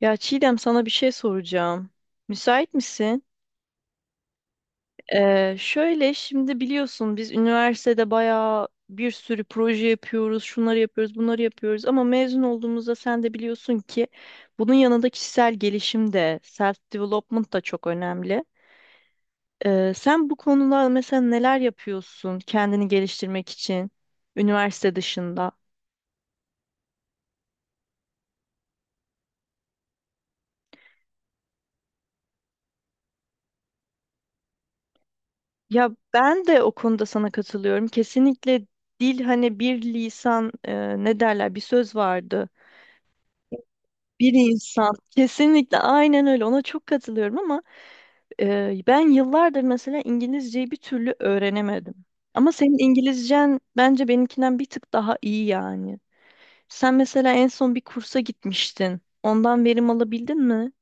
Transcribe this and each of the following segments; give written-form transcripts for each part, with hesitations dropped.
Ya Çiğdem, sana bir şey soracağım. Müsait misin? Şöyle, şimdi biliyorsun biz üniversitede bayağı bir sürü proje yapıyoruz, şunları yapıyoruz, bunları yapıyoruz, ama mezun olduğumuzda sen de biliyorsun ki bunun yanında kişisel gelişim de, self development da çok önemli. Sen bu konuda mesela neler yapıyorsun kendini geliştirmek için üniversite dışında? Ya ben de o konuda sana katılıyorum. Kesinlikle dil, hani bir lisan, ne derler, bir söz vardı. Bir insan. Kesinlikle aynen öyle. Ona çok katılıyorum ama ben yıllardır mesela İngilizceyi bir türlü öğrenemedim. Ama senin İngilizcen bence benimkinden bir tık daha iyi yani. Sen mesela en son bir kursa gitmiştin. Ondan verim alabildin mi?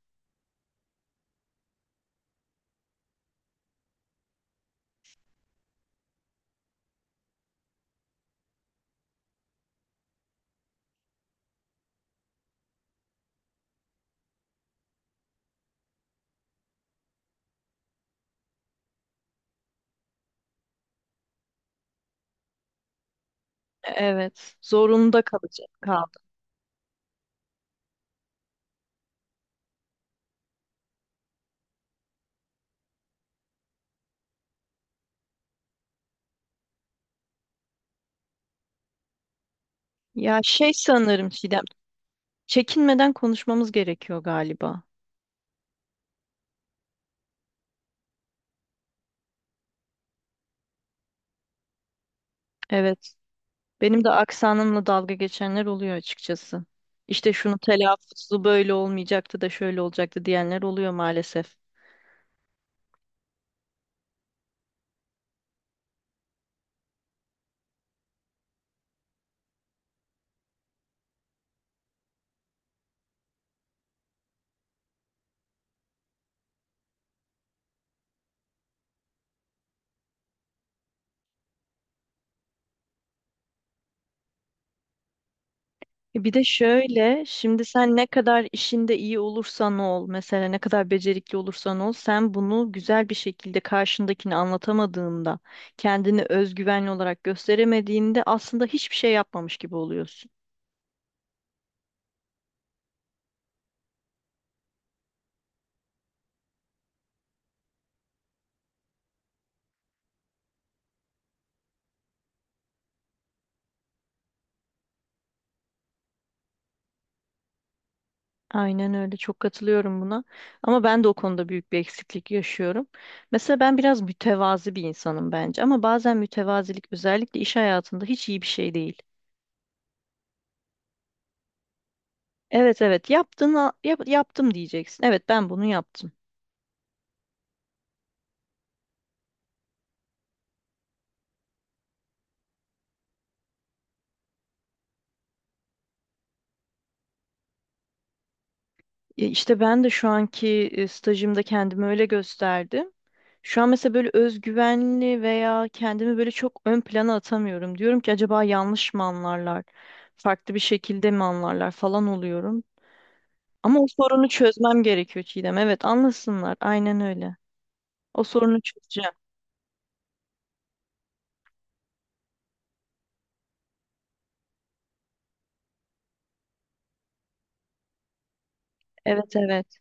Evet. Zorunda kaldım. Ya şey, sanırım Çiğdem, çekinmeden konuşmamız gerekiyor galiba. Evet. Benim de aksanımla dalga geçenler oluyor açıkçası. İşte şunu telaffuzu böyle olmayacaktı da şöyle olacaktı diyenler oluyor maalesef. Bir de şöyle, şimdi sen ne kadar işinde iyi olursan ol, mesela ne kadar becerikli olursan ol, sen bunu güzel bir şekilde karşındakini anlatamadığında, kendini özgüvenli olarak gösteremediğinde aslında hiçbir şey yapmamış gibi oluyorsun. Aynen öyle, çok katılıyorum buna. Ama ben de o konuda büyük bir eksiklik yaşıyorum. Mesela ben biraz mütevazi bir insanım bence, ama bazen mütevazilik özellikle iş hayatında hiç iyi bir şey değil. Evet, evet, yaptım diyeceksin. Evet, ben bunu yaptım. Ya İşte ben de şu anki stajımda kendimi öyle gösterdim. Şu an mesela böyle özgüvenli veya kendimi böyle çok ön plana atamıyorum. Diyorum ki acaba yanlış mı anlarlar? Farklı bir şekilde mi anlarlar falan oluyorum. Ama o sorunu çözmem gerekiyor Çiğdem. Evet, anlasınlar. Aynen öyle. O sorunu çözeceğim. Evet, evet.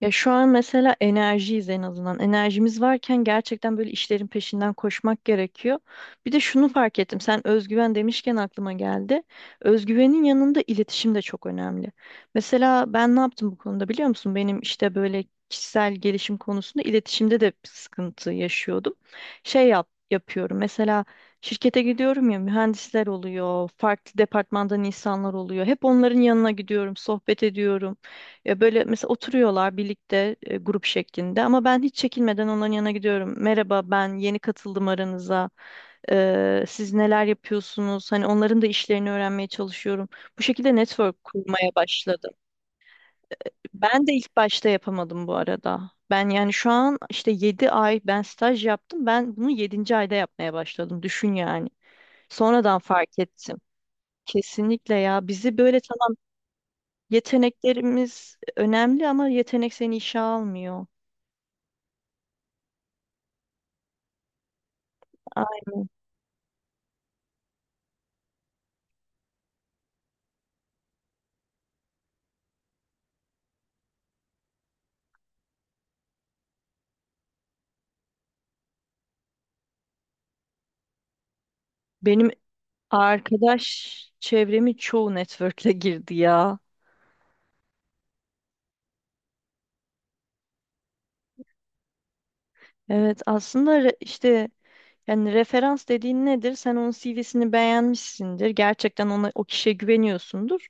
Ya şu an mesela enerjiyiz en azından. Enerjimiz varken gerçekten böyle işlerin peşinden koşmak gerekiyor. Bir de şunu fark ettim. Sen özgüven demişken aklıma geldi. Özgüvenin yanında iletişim de çok önemli. Mesela ben ne yaptım bu konuda, biliyor musun? Benim işte böyle kişisel gelişim konusunda iletişimde de bir sıkıntı yaşıyordum. Şey, yapıyorum. Mesela şirkete gidiyorum ya, mühendisler oluyor, farklı departmandan insanlar oluyor. Hep onların yanına gidiyorum, sohbet ediyorum. Ya böyle mesela oturuyorlar birlikte, grup şeklinde, ama ben hiç çekinmeden onların yanına gidiyorum. Merhaba, ben yeni katıldım aranıza. Siz neler yapıyorsunuz? Hani onların da işlerini öğrenmeye çalışıyorum. Bu şekilde network kurmaya başladım. Ben de ilk başta yapamadım bu arada. Ben yani şu an işte 7 ay ben staj yaptım. Ben bunu yedinci ayda yapmaya başladım. Düşün yani. Sonradan fark ettim. Kesinlikle ya, bizi böyle, tamam, yeteneklerimiz önemli ama yetenek seni işe almıyor. Ay, benim arkadaş çevremi çoğu network'e girdi ya. Evet, aslında işte, yani referans dediğin nedir? Sen onun CV'sini beğenmişsindir. Gerçekten ona, o kişiye güveniyorsundur.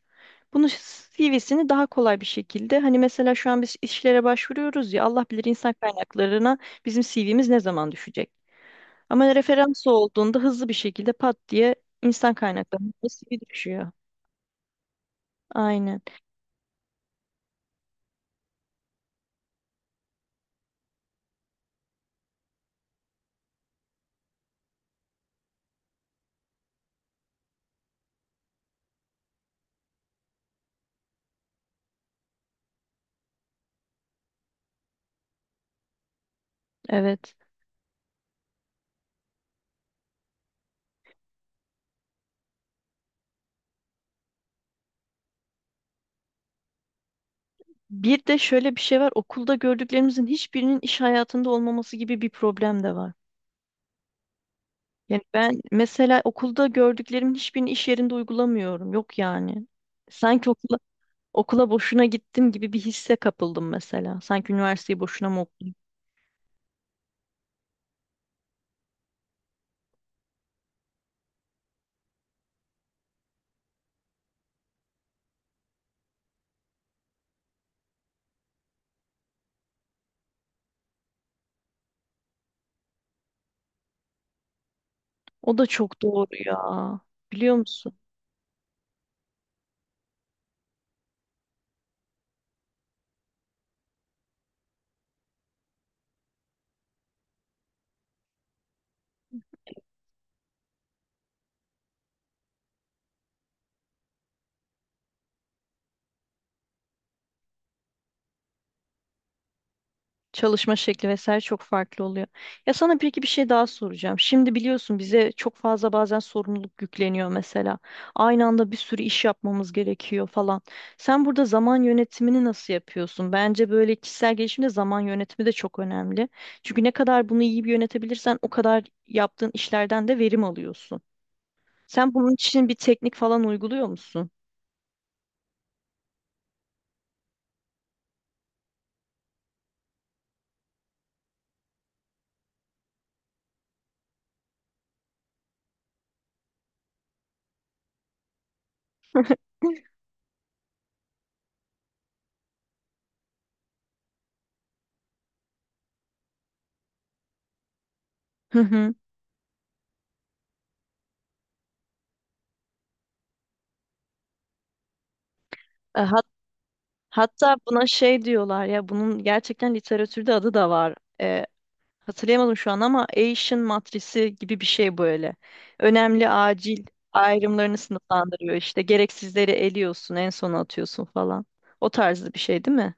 Bunu, CV'sini daha kolay bir şekilde, hani, mesela şu an biz işlere başvuruyoruz ya, Allah bilir insan kaynaklarına bizim CV'miz ne zaman düşecek? Ama referans olduğunda hızlı bir şekilde pat diye insan kaynaklarına CV düşüyor. Aynen. Evet. Bir de şöyle bir şey var. Okulda gördüklerimizin hiçbirinin iş hayatında olmaması gibi bir problem de var. Yani ben mesela okulda gördüklerimin hiçbirini iş yerinde uygulamıyorum. Yok yani. Sanki okula boşuna gittim gibi bir hisse kapıldım mesela. Sanki üniversiteyi boşuna mı okudum? O da çok doğru ya. Biliyor musun? Çalışma şekli vesaire çok farklı oluyor. Ya sana peki bir şey daha soracağım. Şimdi biliyorsun bize çok fazla, bazen sorumluluk yükleniyor mesela. Aynı anda bir sürü iş yapmamız gerekiyor falan. Sen burada zaman yönetimini nasıl yapıyorsun? Bence böyle kişisel gelişimde zaman yönetimi de çok önemli. Çünkü ne kadar bunu iyi bir yönetebilirsen o kadar yaptığın işlerden de verim alıyorsun. Sen bunun için bir teknik falan uyguluyor musun? Hı hı. E, hat- Hatta buna şey diyorlar ya, bunun gerçekten literatürde adı da var. E, Hatırlayamadım şu an ama Asian matrisi gibi bir şey böyle. Önemli, acil ayrımlarını sınıflandırıyor işte. Gereksizleri eliyorsun, en sona atıyorsun falan. O tarzı bir şey değil mi?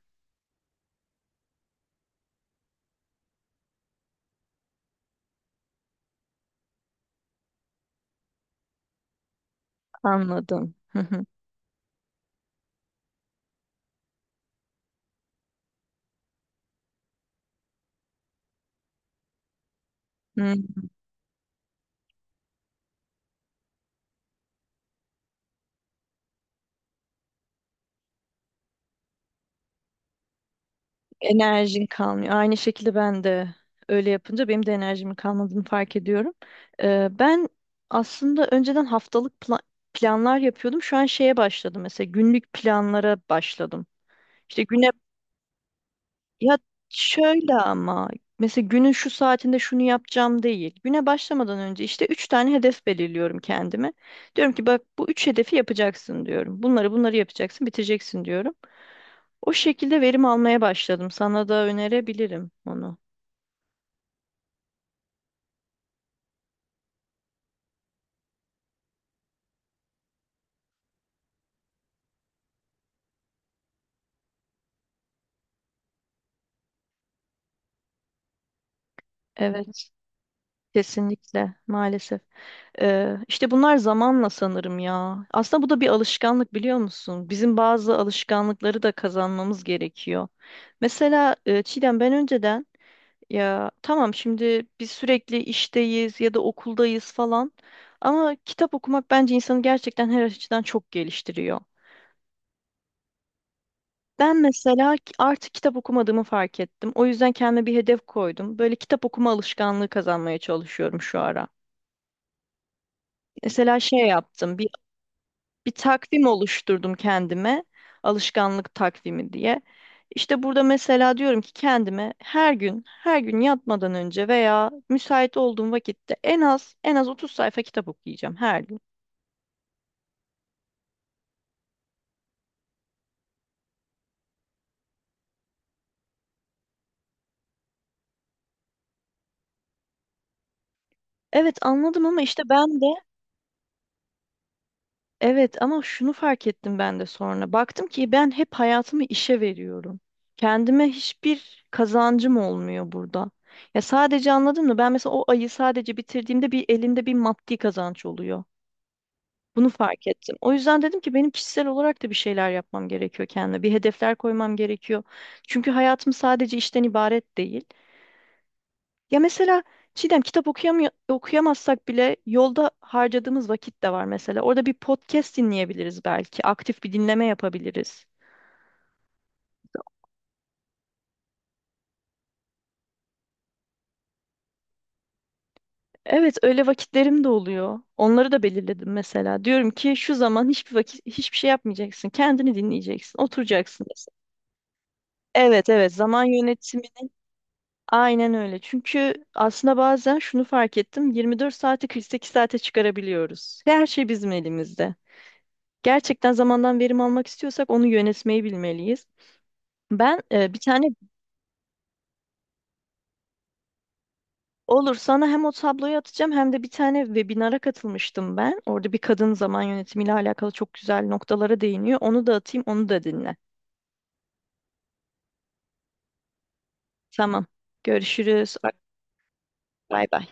Anladım. Hı hı. Hı. Enerjin kalmıyor. Aynı şekilde ben de öyle yapınca benim de enerjimin kalmadığını fark ediyorum. Ben aslında önceden haftalık planlar yapıyordum. Şu an şeye başladım, mesela günlük planlara başladım. İşte ya şöyle, ama mesela günün şu saatinde şunu yapacağım değil. Güne başlamadan önce işte üç tane hedef belirliyorum kendime. Diyorum ki bak, bu üç hedefi yapacaksın diyorum. Bunları yapacaksın, bitireceksin diyorum. O şekilde verim almaya başladım. Sana da önerebilirim onu. Evet, kesinlikle maalesef. İşte bunlar zamanla sanırım ya. Aslında bu da bir alışkanlık, biliyor musun? Bizim bazı alışkanlıkları da kazanmamız gerekiyor. Mesela Çiğdem, ben önceden, ya tamam, şimdi biz sürekli işteyiz ya da okuldayız falan, ama kitap okumak bence insanı gerçekten her açıdan çok geliştiriyor. Ben mesela artık kitap okumadığımı fark ettim. O yüzden kendime bir hedef koydum. Böyle kitap okuma alışkanlığı kazanmaya çalışıyorum şu ara. Mesela şey yaptım. Bir takvim oluşturdum kendime. Alışkanlık takvimi diye. İşte burada mesela diyorum ki kendime, her gün yatmadan önce veya müsait olduğum vakitte en az 30 sayfa kitap okuyacağım her gün. Evet, anladım ama işte ben de... Evet, ama şunu fark ettim ben de sonra. Baktım ki ben hep hayatımı işe veriyorum. Kendime hiçbir kazancım olmuyor burada. Ya sadece, anladın mı? Ben mesela o ayı sadece bitirdiğimde bir, elimde bir maddi kazanç oluyor. Bunu fark ettim. O yüzden dedim ki benim kişisel olarak da bir şeyler yapmam gerekiyor kendime. Bir hedefler koymam gerekiyor. Çünkü hayatım sadece işten ibaret değil. Ya mesela Çiğdem, kitap okuyamıyor, okuyamazsak bile yolda harcadığımız vakit de var mesela. Orada bir podcast dinleyebiliriz belki. Aktif bir dinleme yapabiliriz. Evet, öyle vakitlerim de oluyor. Onları da belirledim mesela. Diyorum ki şu zaman, hiçbir vakit hiçbir şey yapmayacaksın. Kendini dinleyeceksin. Oturacaksın mesela. Evet, evet, zaman yönetimini aynen öyle. Çünkü aslında bazen şunu fark ettim. 24 saati 48 saate çıkarabiliyoruz. Her şey bizim elimizde. Gerçekten zamandan verim almak istiyorsak onu yönetmeyi bilmeliyiz. Ben bir tane, olur sana, hem o tabloyu atacağım hem de bir tane webinara katılmıştım ben. Orada bir kadın zaman yönetimiyle alakalı çok güzel noktalara değiniyor. Onu da atayım, onu da dinle. Tamam. Görüşürüz. Bay bay.